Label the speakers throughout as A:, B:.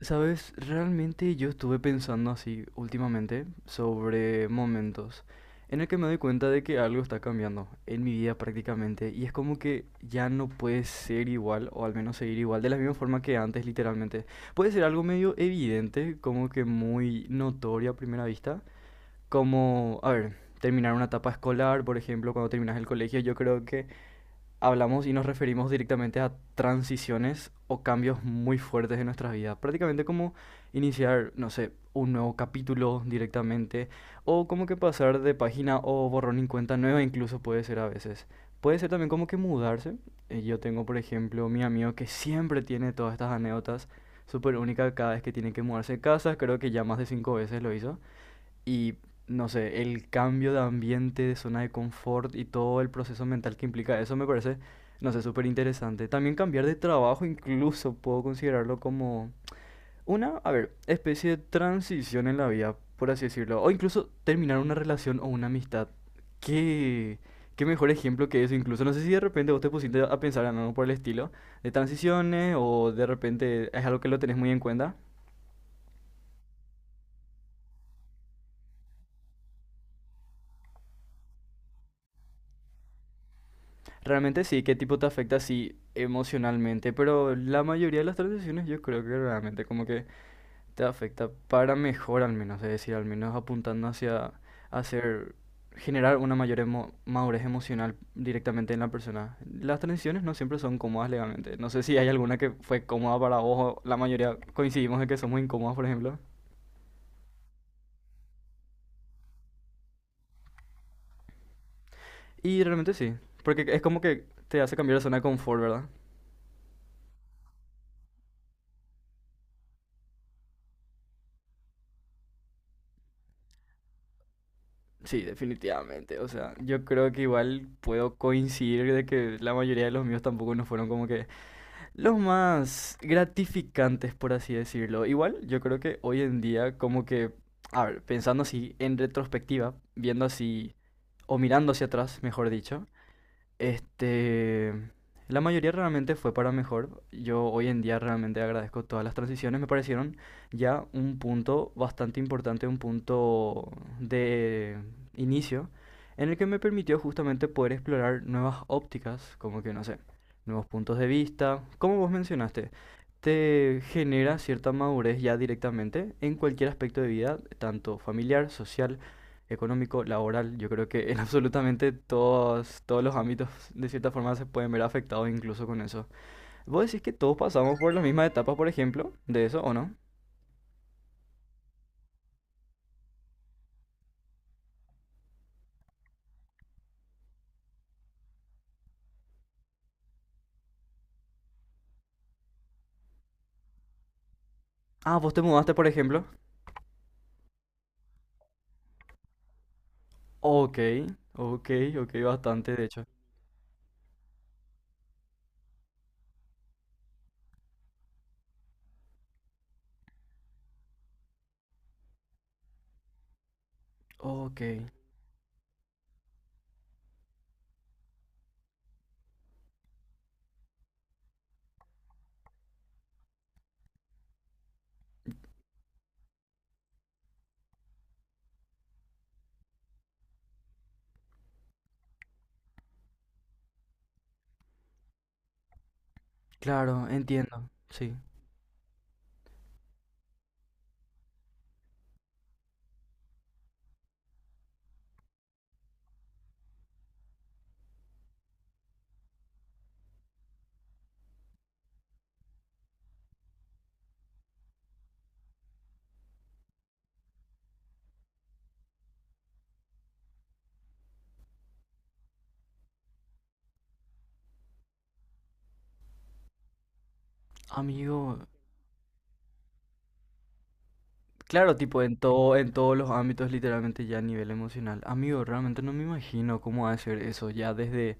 A: Sabes, realmente yo estuve pensando así últimamente sobre momentos en el que me doy cuenta de que algo está cambiando en mi vida prácticamente y es como que ya no puede ser igual o al menos seguir igual de la misma forma que antes literalmente. Puede ser algo medio evidente, como que muy notorio a primera vista, como, a ver, terminar una etapa escolar, por ejemplo, cuando terminas el colegio, yo creo que hablamos y nos referimos directamente a transiciones o cambios muy fuertes en nuestras vidas. Prácticamente como iniciar, no sé, un nuevo capítulo directamente o como que pasar de página o borrón en cuenta nueva incluso puede ser a veces. Puede ser también como que mudarse. Yo tengo, por ejemplo, mi amigo que siempre tiene todas estas anécdotas súper únicas cada vez que tiene que mudarse de casa. Creo que ya más de cinco veces lo hizo. Y no sé, el cambio de ambiente, de zona de confort y todo el proceso mental que implica eso me parece, no sé, súper interesante. También cambiar de trabajo incluso puedo considerarlo como una, a ver, especie de transición en la vida, por así decirlo. O incluso terminar una relación o una amistad. Qué, qué mejor ejemplo que eso. Incluso no sé si de repente vos te pusiste a pensar en algo por el estilo de transiciones o de repente es algo que lo tenés muy en cuenta. Realmente sí, qué tipo te afecta así emocionalmente, pero la mayoría de las transiciones yo creo que realmente como que te afecta para mejor al menos, es decir, al menos apuntando hacia hacer, generar una mayor madurez emocional directamente en la persona. Las transiciones no siempre son cómodas legalmente, no sé si hay alguna que fue cómoda para vos, o la mayoría coincidimos en que somos incómodas, por ejemplo. Y realmente sí, porque es como que te hace cambiar de zona de confort, ¿verdad? Sí, definitivamente. O sea, yo creo que igual puedo coincidir de que la mayoría de los míos tampoco no fueron como que los más gratificantes, por así decirlo. Igual, yo creo que hoy en día, como que, a ver, pensando así en retrospectiva, viendo así, o mirando hacia atrás, mejor dicho, este, la mayoría realmente fue para mejor. Yo hoy en día realmente agradezco todas las transiciones. Me parecieron ya un punto bastante importante, un punto de inicio, en el que me permitió justamente poder explorar nuevas ópticas, como que no sé, nuevos puntos de vista. Como vos mencionaste, te genera cierta madurez ya directamente en cualquier aspecto de vida, tanto familiar, social, económico, laboral. Yo creo que en absolutamente todos los ámbitos de cierta forma se pueden ver afectados incluso con eso. ¿Vos decís que todos pasamos por la misma etapa, por ejemplo, de eso o no? Ah, vos te mudaste, por ejemplo. Ok, ok, ok, bastante, de hecho. Ok, claro, entiendo. Sí. Amigo, claro, tipo en todo, en todos los ámbitos, literalmente ya a nivel emocional. Amigo, realmente no me imagino cómo hacer eso, ya desde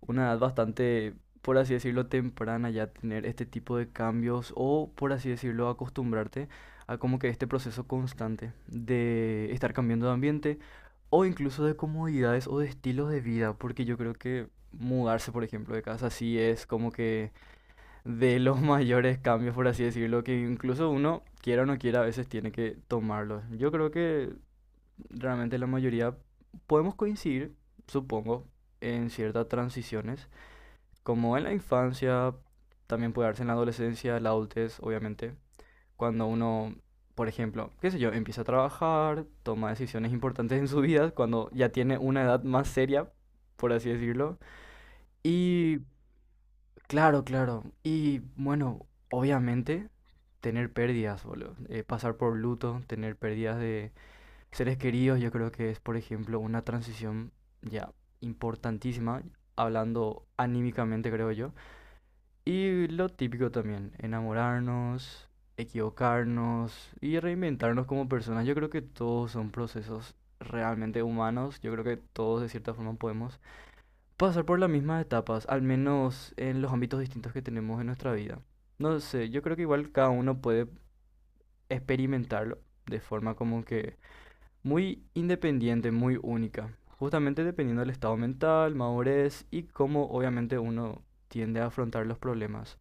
A: una edad bastante, por así decirlo, temprana, ya tener este tipo de cambios o, por así decirlo, acostumbrarte a como que este proceso constante de estar cambiando de ambiente o incluso de comodidades o de estilos de vida, porque yo creo que mudarse, por ejemplo, de casa sí es como que de los mayores cambios, por así decirlo, que incluso uno, quiera o no quiera, a veces tiene que tomarlos. Yo creo que realmente la mayoría podemos coincidir, supongo, en ciertas transiciones, como en la infancia, también puede darse en la adolescencia, la adultez, obviamente, cuando uno, por ejemplo, qué sé yo, empieza a trabajar, toma decisiones importantes en su vida, cuando ya tiene una edad más seria, por así decirlo, y claro, claro. Y bueno, obviamente tener pérdidas, boludo. Pasar por luto, tener pérdidas de seres queridos, yo creo que es, por ejemplo, una transición ya importantísima, hablando anímicamente, creo yo. Y lo típico también, enamorarnos, equivocarnos y reinventarnos como personas. Yo creo que todos son procesos realmente humanos. Yo creo que todos de cierta forma podemos pasar por las mismas etapas, al menos en los ámbitos distintos que tenemos en nuestra vida. No sé, yo creo que igual cada uno puede experimentarlo de forma como que muy independiente, muy única, justamente dependiendo del estado mental, madurez y cómo obviamente uno tiende a afrontar los problemas.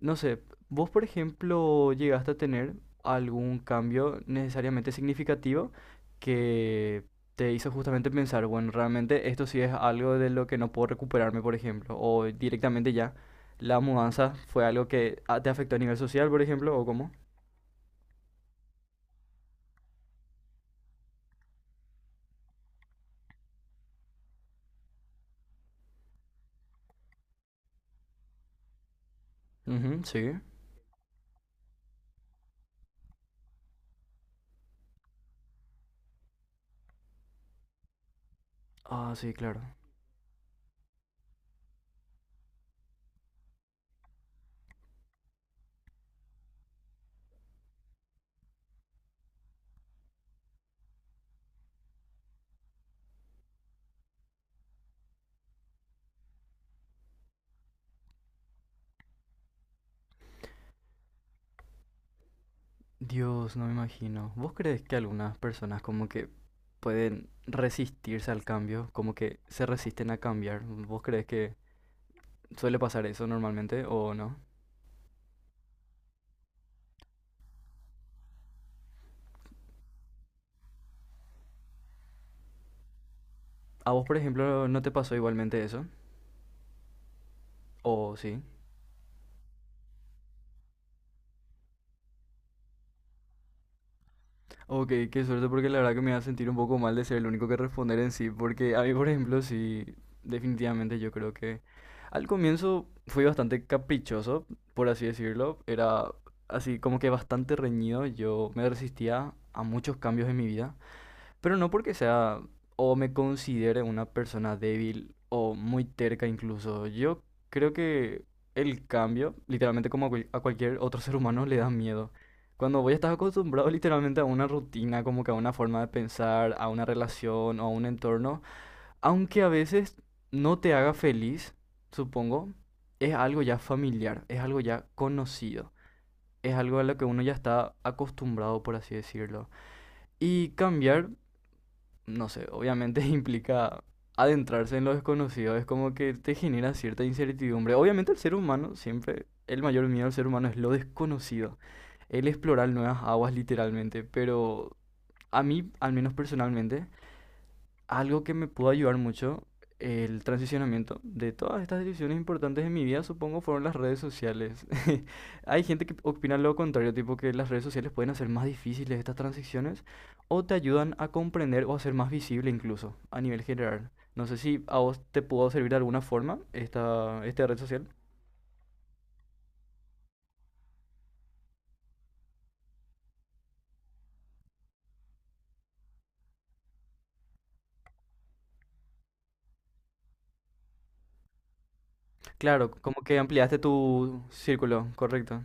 A: No sé, vos por ejemplo llegaste a tener algún cambio necesariamente significativo que te hizo justamente pensar, bueno, realmente esto sí es algo de lo que no puedo recuperarme, por ejemplo, o directamente ya la mudanza fue algo que ah, te afectó a nivel social, por ejemplo, ¿o cómo? Ujú, sí. Ah, sí, claro. Dios, no me imagino. ¿Vos crees que algunas personas como que pueden resistirse al cambio, como que se resisten a cambiar? ¿Vos crees que suele pasar eso normalmente, o no? ¿A vos, por ejemplo, no te pasó igualmente eso? ¿O sí? Ok, qué suerte porque la verdad que me va a sentir un poco mal de ser el único que responder en sí, porque a mí, por ejemplo, sí, definitivamente yo creo que al comienzo fui bastante caprichoso, por así decirlo, era así como que bastante reñido, yo me resistía a muchos cambios en mi vida, pero no porque sea o me considere una persona débil o muy terca incluso. Yo creo que el cambio, literalmente como a cualquier otro ser humano, le da miedo. Cuando voy a estar acostumbrado literalmente a una rutina, como que a una forma de pensar, a una relación o a un entorno, aunque a veces no te haga feliz, supongo, es algo ya familiar, es algo ya conocido, es algo a lo que uno ya está acostumbrado, por así decirlo. Y cambiar no sé, obviamente implica adentrarse en lo desconocido, es como que te genera cierta incertidumbre. Obviamente el ser humano, siempre, el mayor miedo del ser humano es lo desconocido, el explorar nuevas aguas literalmente, pero a mí, al menos personalmente, algo que me pudo ayudar mucho, el transicionamiento de todas estas decisiones importantes de mi vida, supongo, fueron las redes sociales. Hay gente que opina lo contrario, tipo que las redes sociales pueden hacer más difíciles estas transiciones o te ayudan a comprender o a ser más visible incluso a nivel general. No sé si a vos te pudo servir de alguna forma esta red social. Claro, como que ampliaste tu círculo, correcto.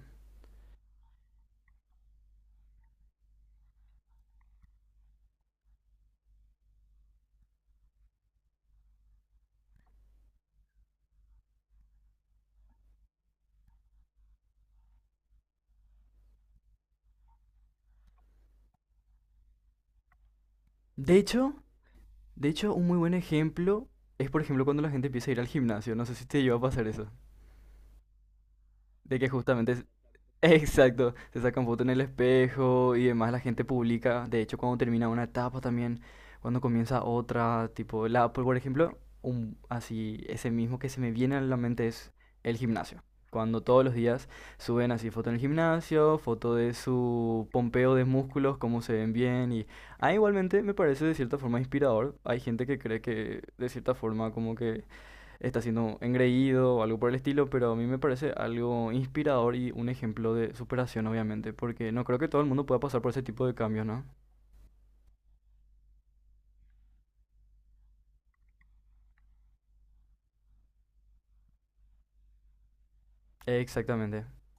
A: De hecho, de hecho, un muy buen ejemplo es, por ejemplo, cuando la gente empieza a ir al gimnasio. No sé si te lleva a pasar eso. De que justamente, es- exacto, se sacan fotos en el espejo y demás, la gente publica, de hecho, cuando termina una etapa también, cuando comienza otra, tipo, la, por ejemplo, un, así, ese mismo que se me viene a la mente es el gimnasio. Cuando todos los días suben así foto en el gimnasio, foto de su pompeo de músculos, cómo se ven bien y... Ah, igualmente me parece de cierta forma inspirador. Hay gente que cree que de cierta forma como que está siendo engreído o algo por el estilo, pero a mí me parece algo inspirador y un ejemplo de superación, obviamente, porque no creo que todo el mundo pueda pasar por ese tipo de cambios, ¿no? Exactamente.